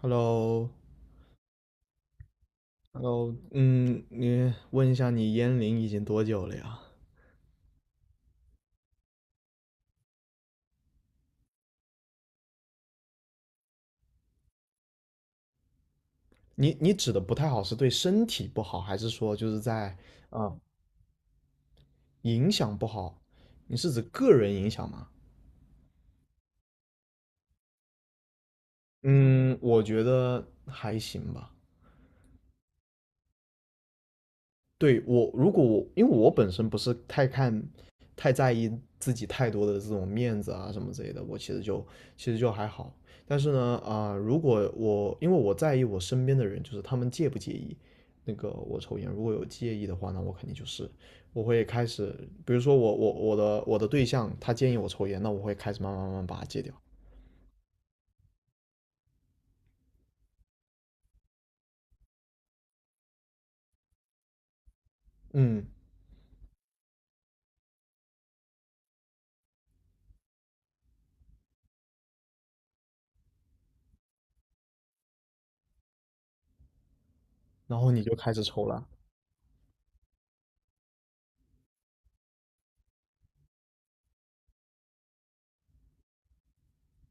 Hello，Hello，嗯，你问一下，你烟龄已经多久了呀？你指的不太好是对身体不好，还是说就是在啊、影响不好？你是指个人影响吗？嗯，我觉得还行吧。对我，如果我因为我本身不是太看、太在意自己太多的这种面子啊什么之类的，我其实就还好。但是呢，如果我因为我在意我身边的人，就是他们介不介意那个我抽烟，如果有介意的话，那我肯定就是我会开始，比如说我的对象他建议我抽烟，那我会开始慢慢慢慢把它戒掉。嗯，然后你就开始抽了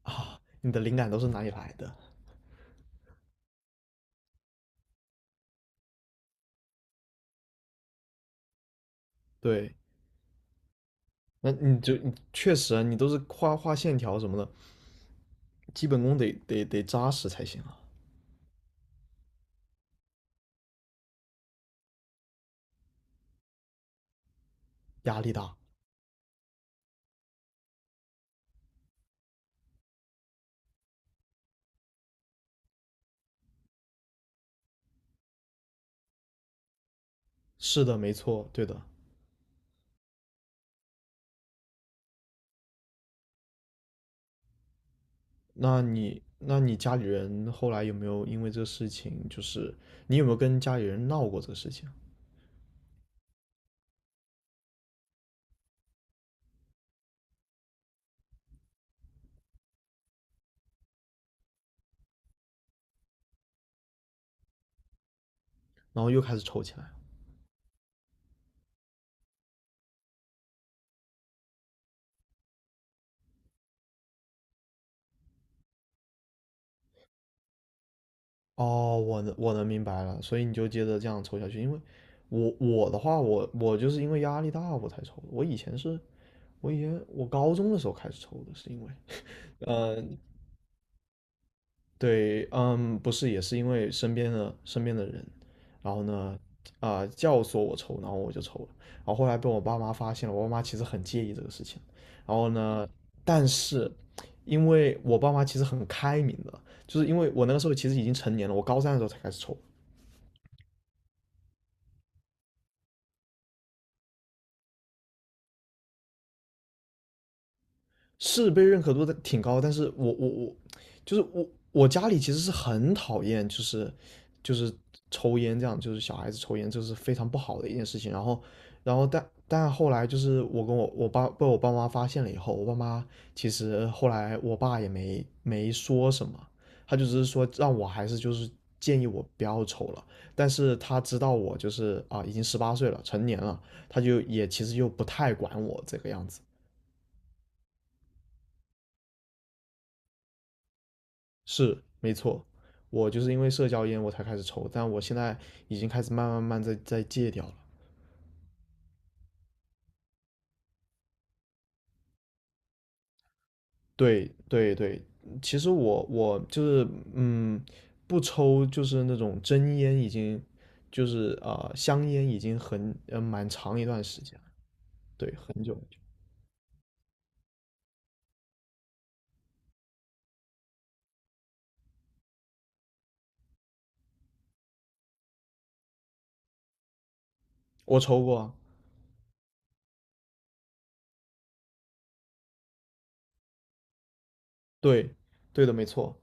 啊，你的灵感都是哪里来的？对，那你就你确实啊，你都是画画线条什么的，基本功得扎实才行啊，压力大。是的，没错，对的。那你家里人后来有没有因为这个事情，就是你有没有跟家里人闹过这个事情，然后又开始抽起来了。哦，我能明白了，所以你就接着这样抽下去。因为我的话，我就是因为压力大我才抽的。我以前是，我以前我高中的时候开始抽的，是因为呃对，嗯，不是，也是因为身边的人，然后呢，教唆我抽，然后我就抽了，然后后来被我爸妈发现了，我爸妈其实很介意这个事情，然后呢，但是因为我爸妈其实很开明的，就是因为我那个时候其实已经成年了，我高三的时候才开始抽，是被认可度的挺高，但是我，就是我家里其实是很讨厌，就是抽烟这样，就是小孩子抽烟，这是非常不好的一件事情。然后但后来就是我跟我爸被我爸妈发现了以后，我爸妈其实后来我爸也没说什么，他就只是说让我还是就是建议我不要抽了。但是他知道我就是已经十八岁了，成年了，他就也其实又不太管我这个样子。是，没错，我就是因为社交烟我才开始抽，但我现在已经开始慢慢慢慢在戒掉了。对对对，其实我就是嗯，不抽就是那种真烟，已经就是香烟已经很蛮长一段时间了，对，很久很久。我抽过啊，对对的，没错。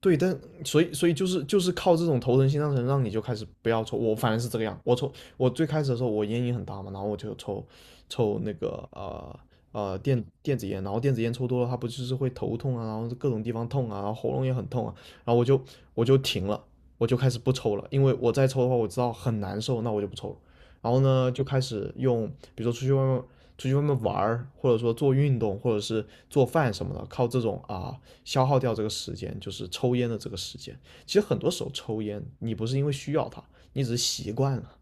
对，但所以就是靠这种头疼心脏疼，让你就开始不要抽。我反正是这个样，我抽我最开始的时候我烟瘾很大嘛，然后我就抽那个电子烟，然后电子烟抽多了，它不就是会头痛啊，然后各种地方痛啊，然后喉咙也很痛啊，然后我就停了，我就开始不抽了，因为我再抽的话我知道很难受，那我就不抽了。然后呢，就开始用，比如说出去外面玩儿，或者说做运动，或者是做饭什么的，靠这种啊。消耗掉这个时间，就是抽烟的这个时间。其实很多时候抽烟，你不是因为需要它，你只是习惯了。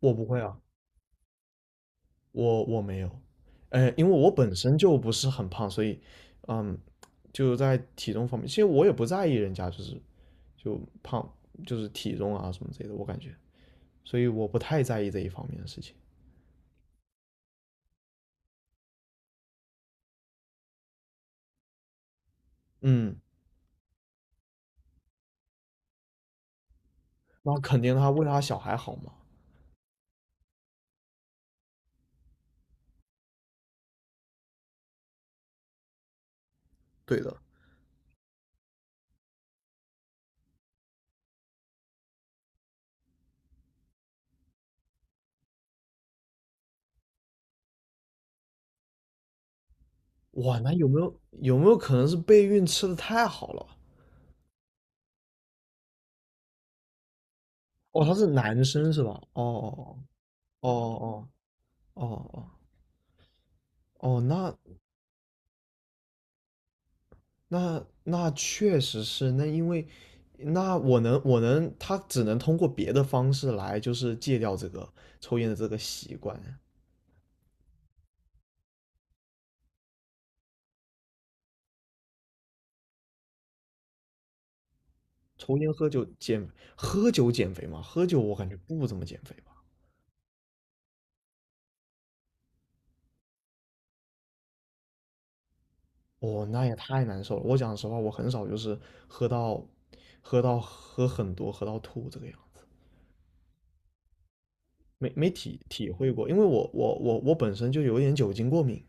我不会啊，我没有，因为我本身就不是很胖，所以，嗯，就在体重方面，其实我也不在意人家就是就胖，就是体重啊什么之类的，我感觉，所以我不太在意这一方面的事情。嗯，那肯定他为他小孩好嘛。对的，哇，那有没有可能是备孕吃的太好了？哦，他是男生是吧？哦哦哦，哦哦哦哦哦，那确实是，那因为那我能，他只能通过别的方式来，就是戒掉这个抽烟的这个习惯。抽烟喝酒减喝酒减肥嘛，喝酒我感觉不怎么减肥吧。哦，那也太难受了。我讲实话，我很少就是喝到喝到喝很多喝到吐这个样子，没体会过，因为我本身就有点酒精过敏。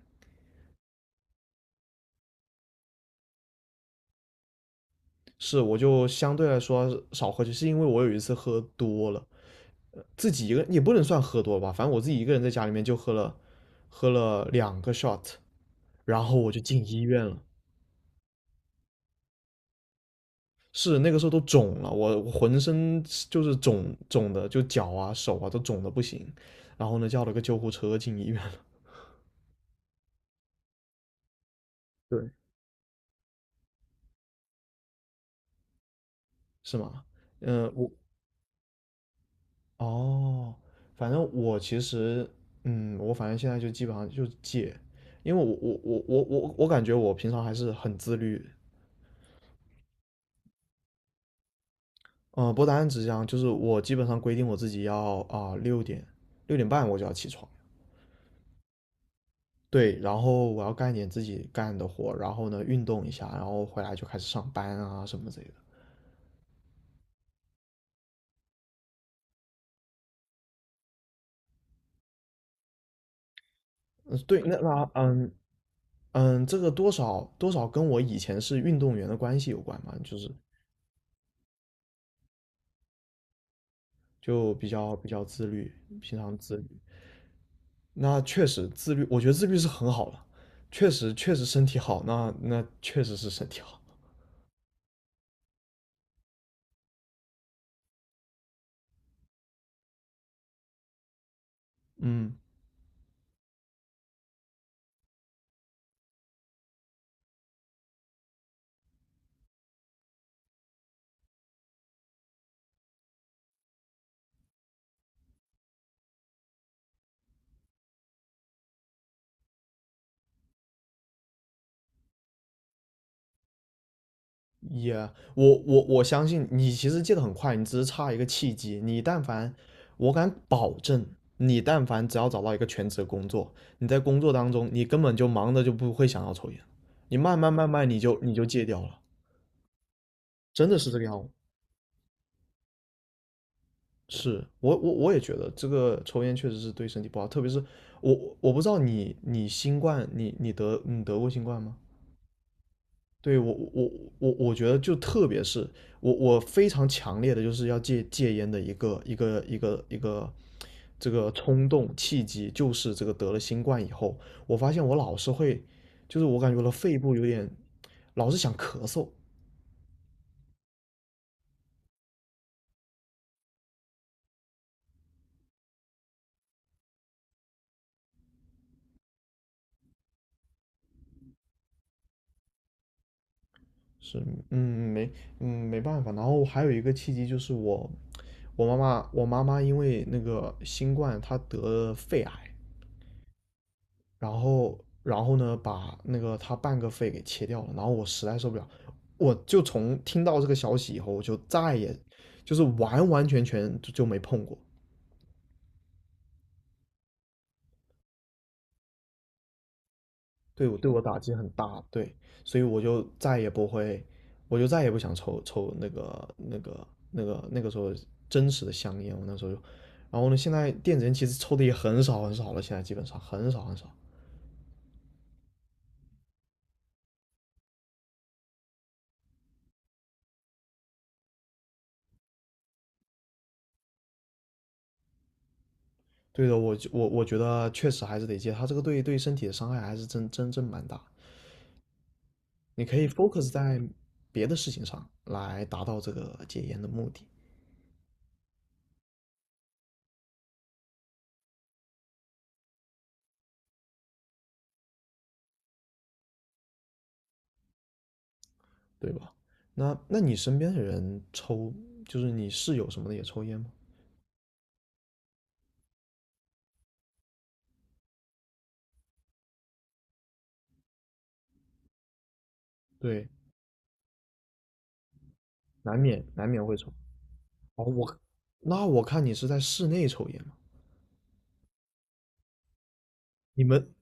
是，我就相对来说少喝酒，是因为我有一次喝多了，自己一个也不能算喝多了吧，反正我自己一个人在家里面就喝了，喝了两个 shot，然后我就进医院了。是那个时候都肿了，我浑身就是肿肿的，就脚啊手啊都肿的不行。然后呢，叫了个救护车进医院了。对，是吗？嗯、我哦，反正我其实，我反正现在就基本上就戒，因为我感觉我平常还是很自律，嗯，不单只是这样，就是我基本上规定我自己要六点六点半我就要起床，对，然后我要干一点自己干的活，然后呢运动一下，然后回来就开始上班啊什么之类的。嗯，对，那这个多少多少跟我以前是运动员的关系有关嘛，就是就比较比较自律，平常自律。那确实自律，我觉得自律是很好了，确实确实身体好，那确实是身体好。嗯，也、我相信你其实戒得很快，你只是差一个契机。你但凡，我敢保证，你但凡只要找到一个全职工作，你在工作当中，你根本就忙的就不会想要抽烟，你慢慢慢慢你就戒掉了，真的是这个样子。是我也觉得这个抽烟确实是对身体不好，特别是我不知道你新冠你得过新冠吗？对我觉得就特别是我非常强烈的就是要戒烟的一个这个冲动契机，就是这个得了新冠以后，我发现我老是会，就是我感觉我的肺部有点老是想咳嗽，是，嗯，没，没办法。然后还有一个契机就是我妈妈因为那个新冠，她得了肺癌，然后呢，把那个她半个肺给切掉了。然后我实在受不了，我就从听到这个消息以后，我就再也就是完完全全就没碰过。对我打击很大，对，所以我就再也不会，我就再也不想抽那个时候真实的香烟，我那时候就，然后呢，现在电子烟其实抽的也很少很少了，现在基本上很少很少。对的，我觉得确实还是得戒，它这个对身体的伤害还是真正蛮大。你可以 focus 在别的事情上来达到这个戒烟的目的，对吧？那你身边的人抽，就是你室友什么的也抽烟吗？对，难免难免会抽。哦，那我看你是在室内抽烟嘛？你们，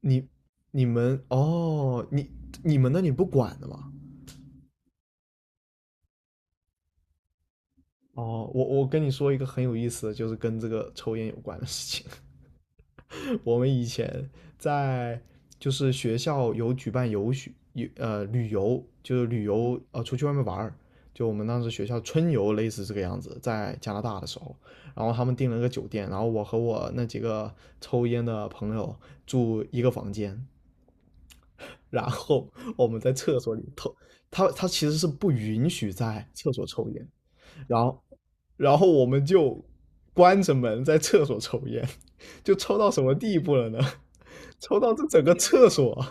你你们哦，你你们那里不管的吗？哦，我跟你说一个很有意思的，就是跟这个抽烟有关的事情。我们以前在就是学校有举办游学游呃旅游，就是旅游出去外面玩儿，就我们当时学校春游类似这个样子，在加拿大的时候，然后他们订了个酒店，然后我和我那几个抽烟的朋友住一个房间，然后我们在厕所里头，他 他其实是不允许在厕所抽烟，然后然后我们就关着门在厕所抽烟，就抽到什么地步了呢？抽到这整个厕所，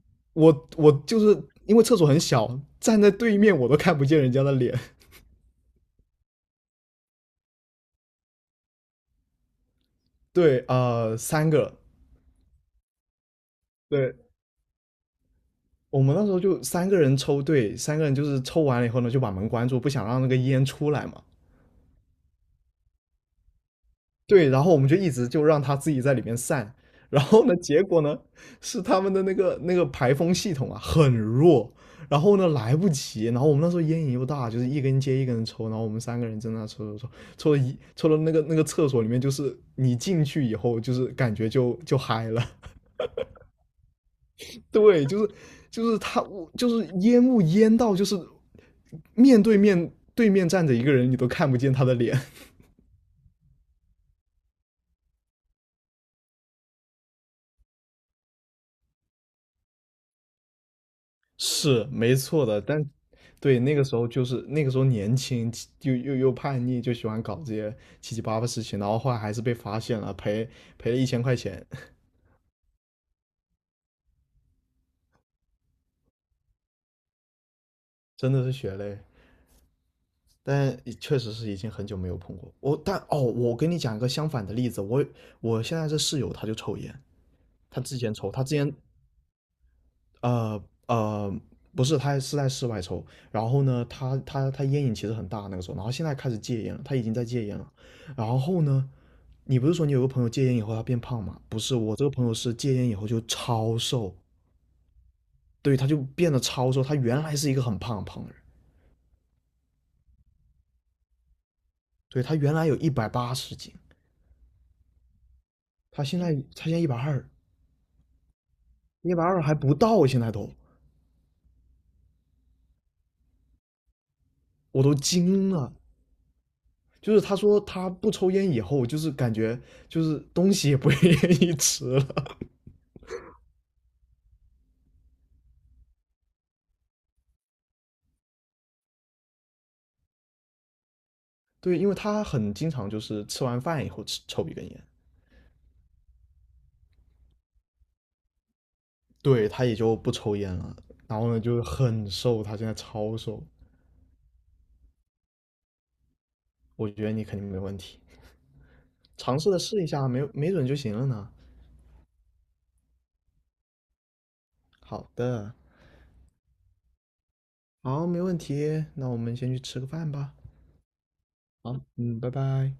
我就是因为厕所很小，站在对面我都看不见人家的脸。对，三个，对，我们那时候就三个人抽，对，三个人就是抽完了以后呢，就把门关住，不想让那个烟出来嘛。对，然后我们就一直就让他自己在里面散，然后呢，结果呢是他们的那个排风系统啊很弱，然后呢来不及，然后我们那时候烟瘾又大，就是一根接一根的抽，然后我们三个人在那抽抽抽，抽了一抽了那个那个厕所里面，就是你进去以后就是感觉就嗨了，对，就是他就是烟到就是面对面站着一个人你都看不见他的脸，是没错的。但对，那个时候就是那个时候年轻，就又叛逆，就喜欢搞这些七七八八事情，然后后来还是被发现了，赔了1000块钱，真的是血泪。但确实是已经很久没有碰过我，但哦，我跟你讲一个相反的例子，我现在这室友他就抽烟，他之前呃呃不是，他是在室外抽，然后呢，他烟瘾其实很大那个时候，然后现在开始戒烟了，他已经在戒烟了。然后呢，你不是说你有个朋友戒烟以后他变胖吗？不是，我这个朋友是戒烟以后就超瘦，对，他就变得超瘦。他原来是一个很胖很胖的人，对，他原来有180斤，他现在一百二，一百二还不到啊，现在都我都惊了。就是他说他不抽烟以后，就是感觉就是东西也不愿意吃了。对，因为他很经常就是吃完饭以后抽一根烟，对，他也就不抽烟了。然后呢，就是很瘦，他现在超瘦。我觉得你肯定没问题。尝试的试一下，没准就行了呢。好的，好，没问题，那我们先去吃个饭吧。好，嗯，拜拜。